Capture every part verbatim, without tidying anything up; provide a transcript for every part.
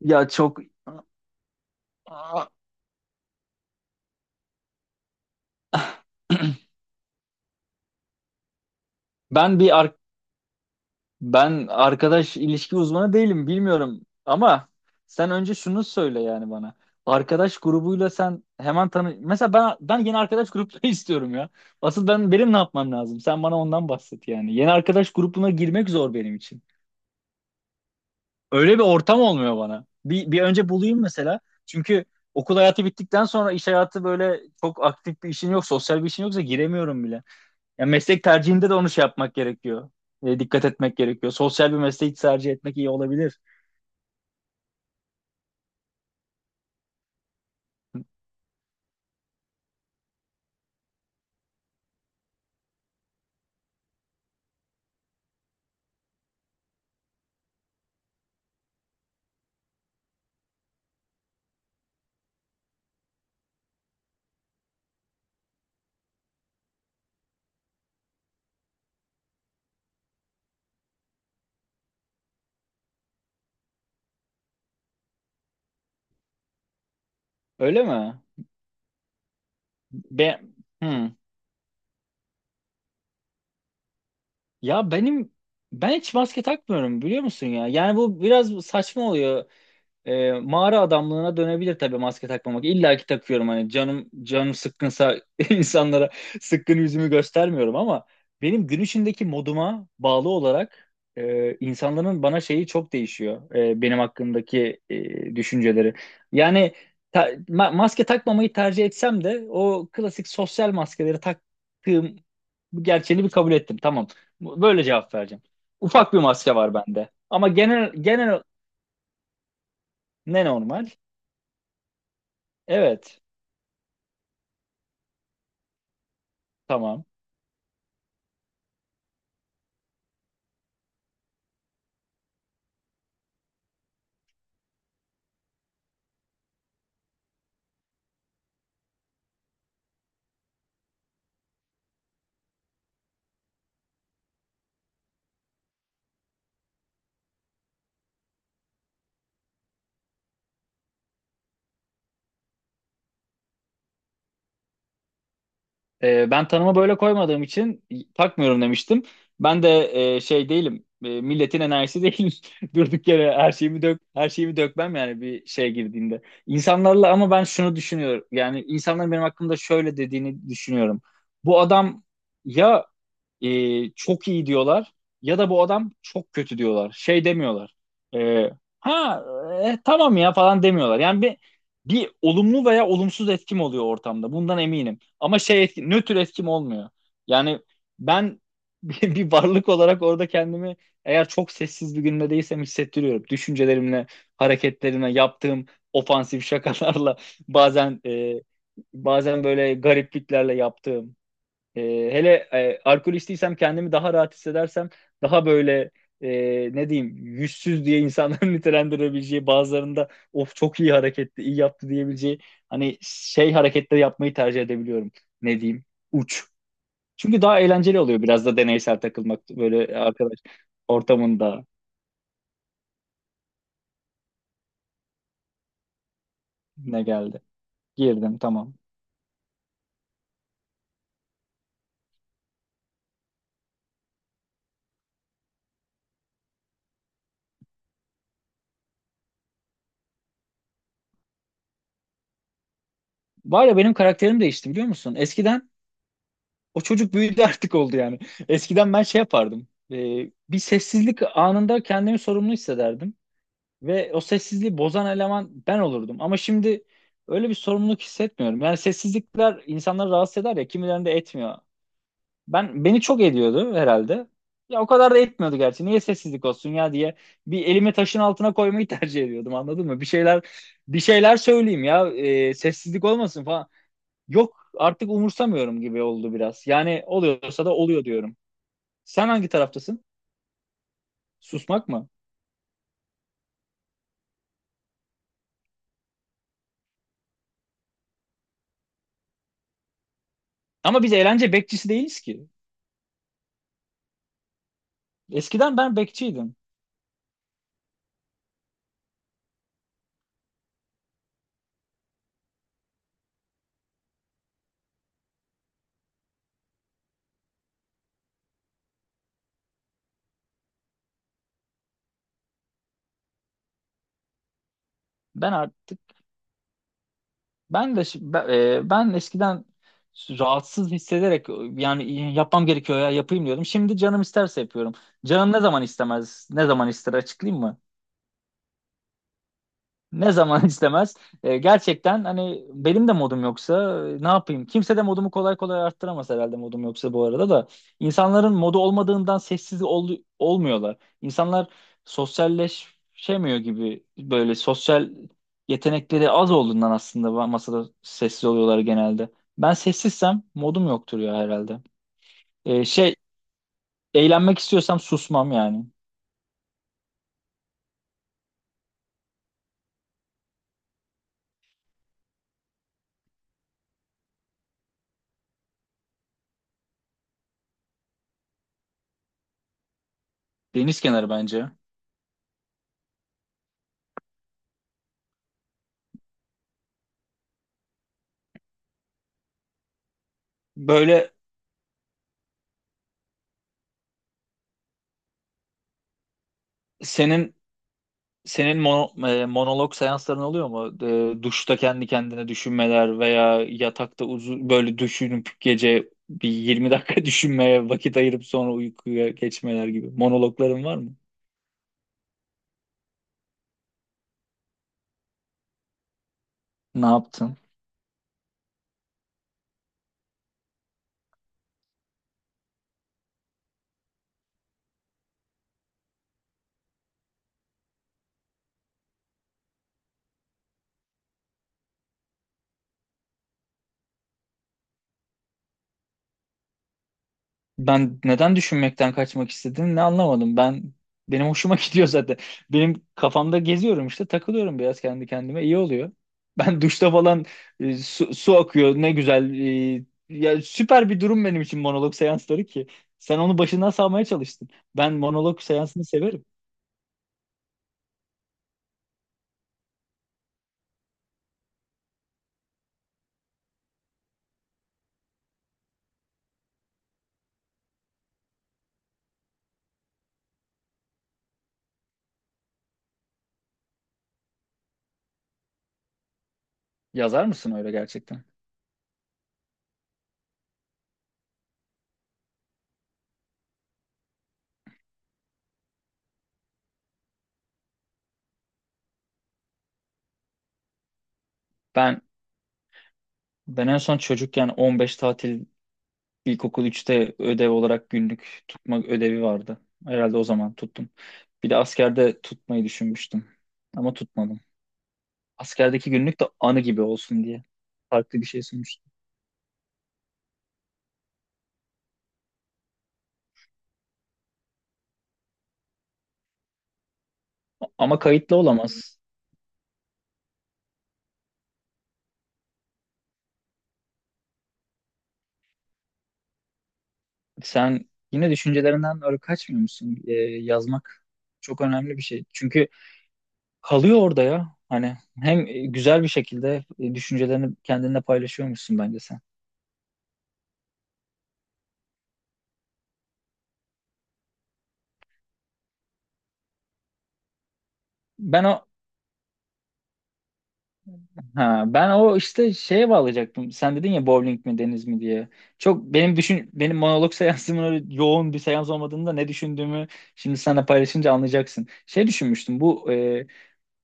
Ya çok ben bir ar- ben arkadaş ilişki uzmanı değilim bilmiyorum ama sen önce şunu söyle yani bana. Arkadaş grubuyla sen hemen tanı mesela ben ben yeni arkadaş grupları istiyorum ya. Asıl ben benim ne yapmam lazım? Sen bana ondan bahset yani. Yeni arkadaş grubuna girmek zor benim için. Öyle bir ortam olmuyor bana. Bir bir önce bulayım mesela. Çünkü okul hayatı bittikten sonra iş hayatı böyle çok aktif bir işin yok, sosyal bir işin yoksa giremiyorum bile. Ya meslek tercihinde de onu şey yapmak gerekiyor. E, dikkat etmek gerekiyor. Sosyal bir mesleği tercih etmek iyi olabilir. Öyle mi? Ben hmm. Ya benim ben hiç maske takmıyorum biliyor musun ya? Yani bu biraz saçma oluyor. Ee, mağara adamlığına dönebilir tabii maske takmamak. İlla ki takıyorum hani canım canım sıkkınsa insanlara sıkkın yüzümü göstermiyorum ama benim gün içindeki moduma bağlı olarak e, insanların bana şeyi çok değişiyor. E, benim hakkındaki e, düşünceleri. Yani ta- ma- maske takmamayı tercih etsem de o klasik sosyal maskeleri taktığım gerçeğini bir kabul ettim. Tamam. Bu- Böyle cevap vereceğim. Ufak bir maske var bende. Ama genel genel ne normal? Evet, tamam. Ee, ben tanıma böyle koymadığım için takmıyorum demiştim. Ben de e, şey değilim, e, milletin enerjisi değilim. Durduk yere her şeyimi dök, her şeyimi dökmem yani bir şey girdiğinde. İnsanlarla ama ben şunu düşünüyorum. Yani insanların benim hakkımda şöyle dediğini düşünüyorum. Bu adam ya e, çok iyi diyorlar ya da bu adam çok kötü diyorlar. Şey demiyorlar. E, ha e, tamam ya falan demiyorlar. Yani bir bir olumlu veya olumsuz etkim oluyor ortamda. Bundan eminim. Ama şey etki, nötr etkim olmuyor. Yani ben bir, bir varlık olarak orada kendimi eğer çok sessiz bir günde değilsem hissettiriyorum. Düşüncelerimle, hareketlerimle, yaptığım ofansif şakalarla bazen e, bazen böyle garipliklerle yaptığım e, hele e, alkolistiysem kendimi daha rahat hissedersem daha böyle e, ne diyeyim yüzsüz diye insanların nitelendirebileceği bazılarında of çok iyi hareketti, iyi yaptı diyebileceği hani şey hareketleri yapmayı tercih edebiliyorum. Ne diyeyim? Uç. Çünkü daha eğlenceli oluyor biraz da deneysel takılmak böyle arkadaş ortamında ne geldi. Girdim tamam. Var ya benim karakterim değişti biliyor musun? Eskiden o çocuk büyüdü artık oldu yani. Eskiden ben şey yapardım. E, bir sessizlik anında kendimi sorumlu hissederdim. Ve o sessizliği bozan eleman ben olurdum. Ama şimdi öyle bir sorumluluk hissetmiyorum. Yani sessizlikler insanları rahatsız eder ya kimilerinde etmiyor. Ben beni çok ediyordu herhalde. Ya o kadar da etmiyordu gerçi. Niye sessizlik olsun ya diye bir elimi taşın altına koymayı tercih ediyordum anladın mı? Bir şeyler bir şeyler söyleyeyim ya e, sessizlik olmasın falan. Yok artık umursamıyorum gibi oldu biraz. Yani oluyorsa da oluyor diyorum. Sen hangi taraftasın? Susmak mı? Ama biz eğlence bekçisi değiliz ki. Eskiden ben bekçiydim. Ben artık ben de şi- ben, e, Ben eskiden rahatsız hissederek yani yapmam gerekiyor ya yapayım diyordum. Şimdi canım isterse yapıyorum. Canım ne zaman istemez, ne zaman ister açıklayayım mı? Ne zaman istemez. E, gerçekten hani benim de modum yoksa e, ne yapayım? Kimse de modumu kolay kolay arttıramaz herhalde modum yoksa bu arada da. İnsanların modu olmadığından sessiz ol- olmuyorlar. İnsanlar sosyalleşemiyor gibi böyle sosyal yetenekleri az olduğundan aslında masada sessiz oluyorlar genelde. Ben sessizsem modum yoktur ya herhalde. E, şey Eğlenmek istiyorsam susmam yani. Deniz kenarı bence. Böyle senin Senin mono- e, Monolog seansların oluyor mu? E, duşta kendi kendine düşünmeler veya yatakta uzun böyle düşünüp gece bir yirmi dakika düşünmeye vakit ayırıp sonra uykuya geçmeler gibi. Monologların var mı? Ne yaptın? Ben neden düşünmekten kaçmak istedim ne anlamadım. Ben benim hoşuma gidiyor zaten. Benim kafamda geziyorum işte takılıyorum biraz kendi kendime iyi oluyor. Ben duşta falan e, su, su akıyor ne güzel. E, ya süper bir durum benim için monolog seansları ki. Sen onu başından savmaya çalıştın. Ben monolog seansını severim. Yazar mısın öyle gerçekten? Ben ben en son çocukken on beş tatil İlkokul üçte ödev olarak günlük tutma ödevi vardı. Herhalde o zaman tuttum. Bir de askerde tutmayı düşünmüştüm. Ama tutmadım. Askerdeki günlük de anı gibi olsun diye farklı bir şey sunmuştum. Ama kayıtlı olamaz. Sen yine düşüncelerinden öyle kaçmıyor musun? Ee, yazmak çok önemli bir şey. Çünkü kalıyor orada ya. Hani hem güzel bir şekilde e, düşüncelerini kendinle paylaşıyormuşsun bence sen. Ben o Ha, Ben o işte şeye bağlayacaktım. Sen dedin ya bowling mi deniz mi diye. Çok benim düşün benim monolog seansımın öyle yoğun bir seans olmadığında ne düşündüğümü şimdi seninle paylaşınca anlayacaksın. Şey düşünmüştüm. Bu e,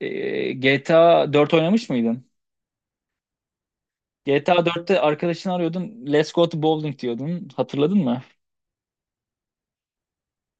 e, G T A dört oynamış mıydın? G T A dörtte arkadaşını arıyordun. Let's go to bowling diyordun. Hatırladın mı?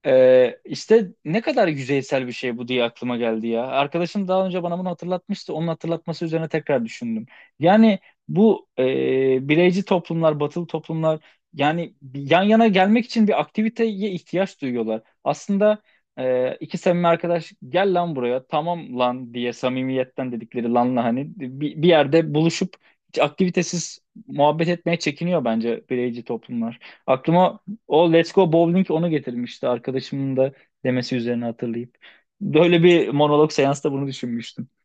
Ee, işte ne kadar yüzeysel bir şey bu diye aklıma geldi ya. Arkadaşım daha önce bana bunu hatırlatmıştı. Onun hatırlatması üzerine tekrar düşündüm. Yani bu e, bireyci toplumlar, batılı toplumlar yani bir- yan yana gelmek için bir aktiviteye ihtiyaç duyuyorlar. Aslında e, iki samimi arkadaş gel lan buraya tamam lan diye samimiyetten dedikleri lanla hani bir, bir yerde buluşup hiç aktivitesiz muhabbet etmeye çekiniyor bence bireyci toplumlar. Aklıma o Let's Go Bowling onu getirmişti arkadaşımın da demesi üzerine hatırlayıp. Böyle bir monolog seansta bunu düşünmüştüm.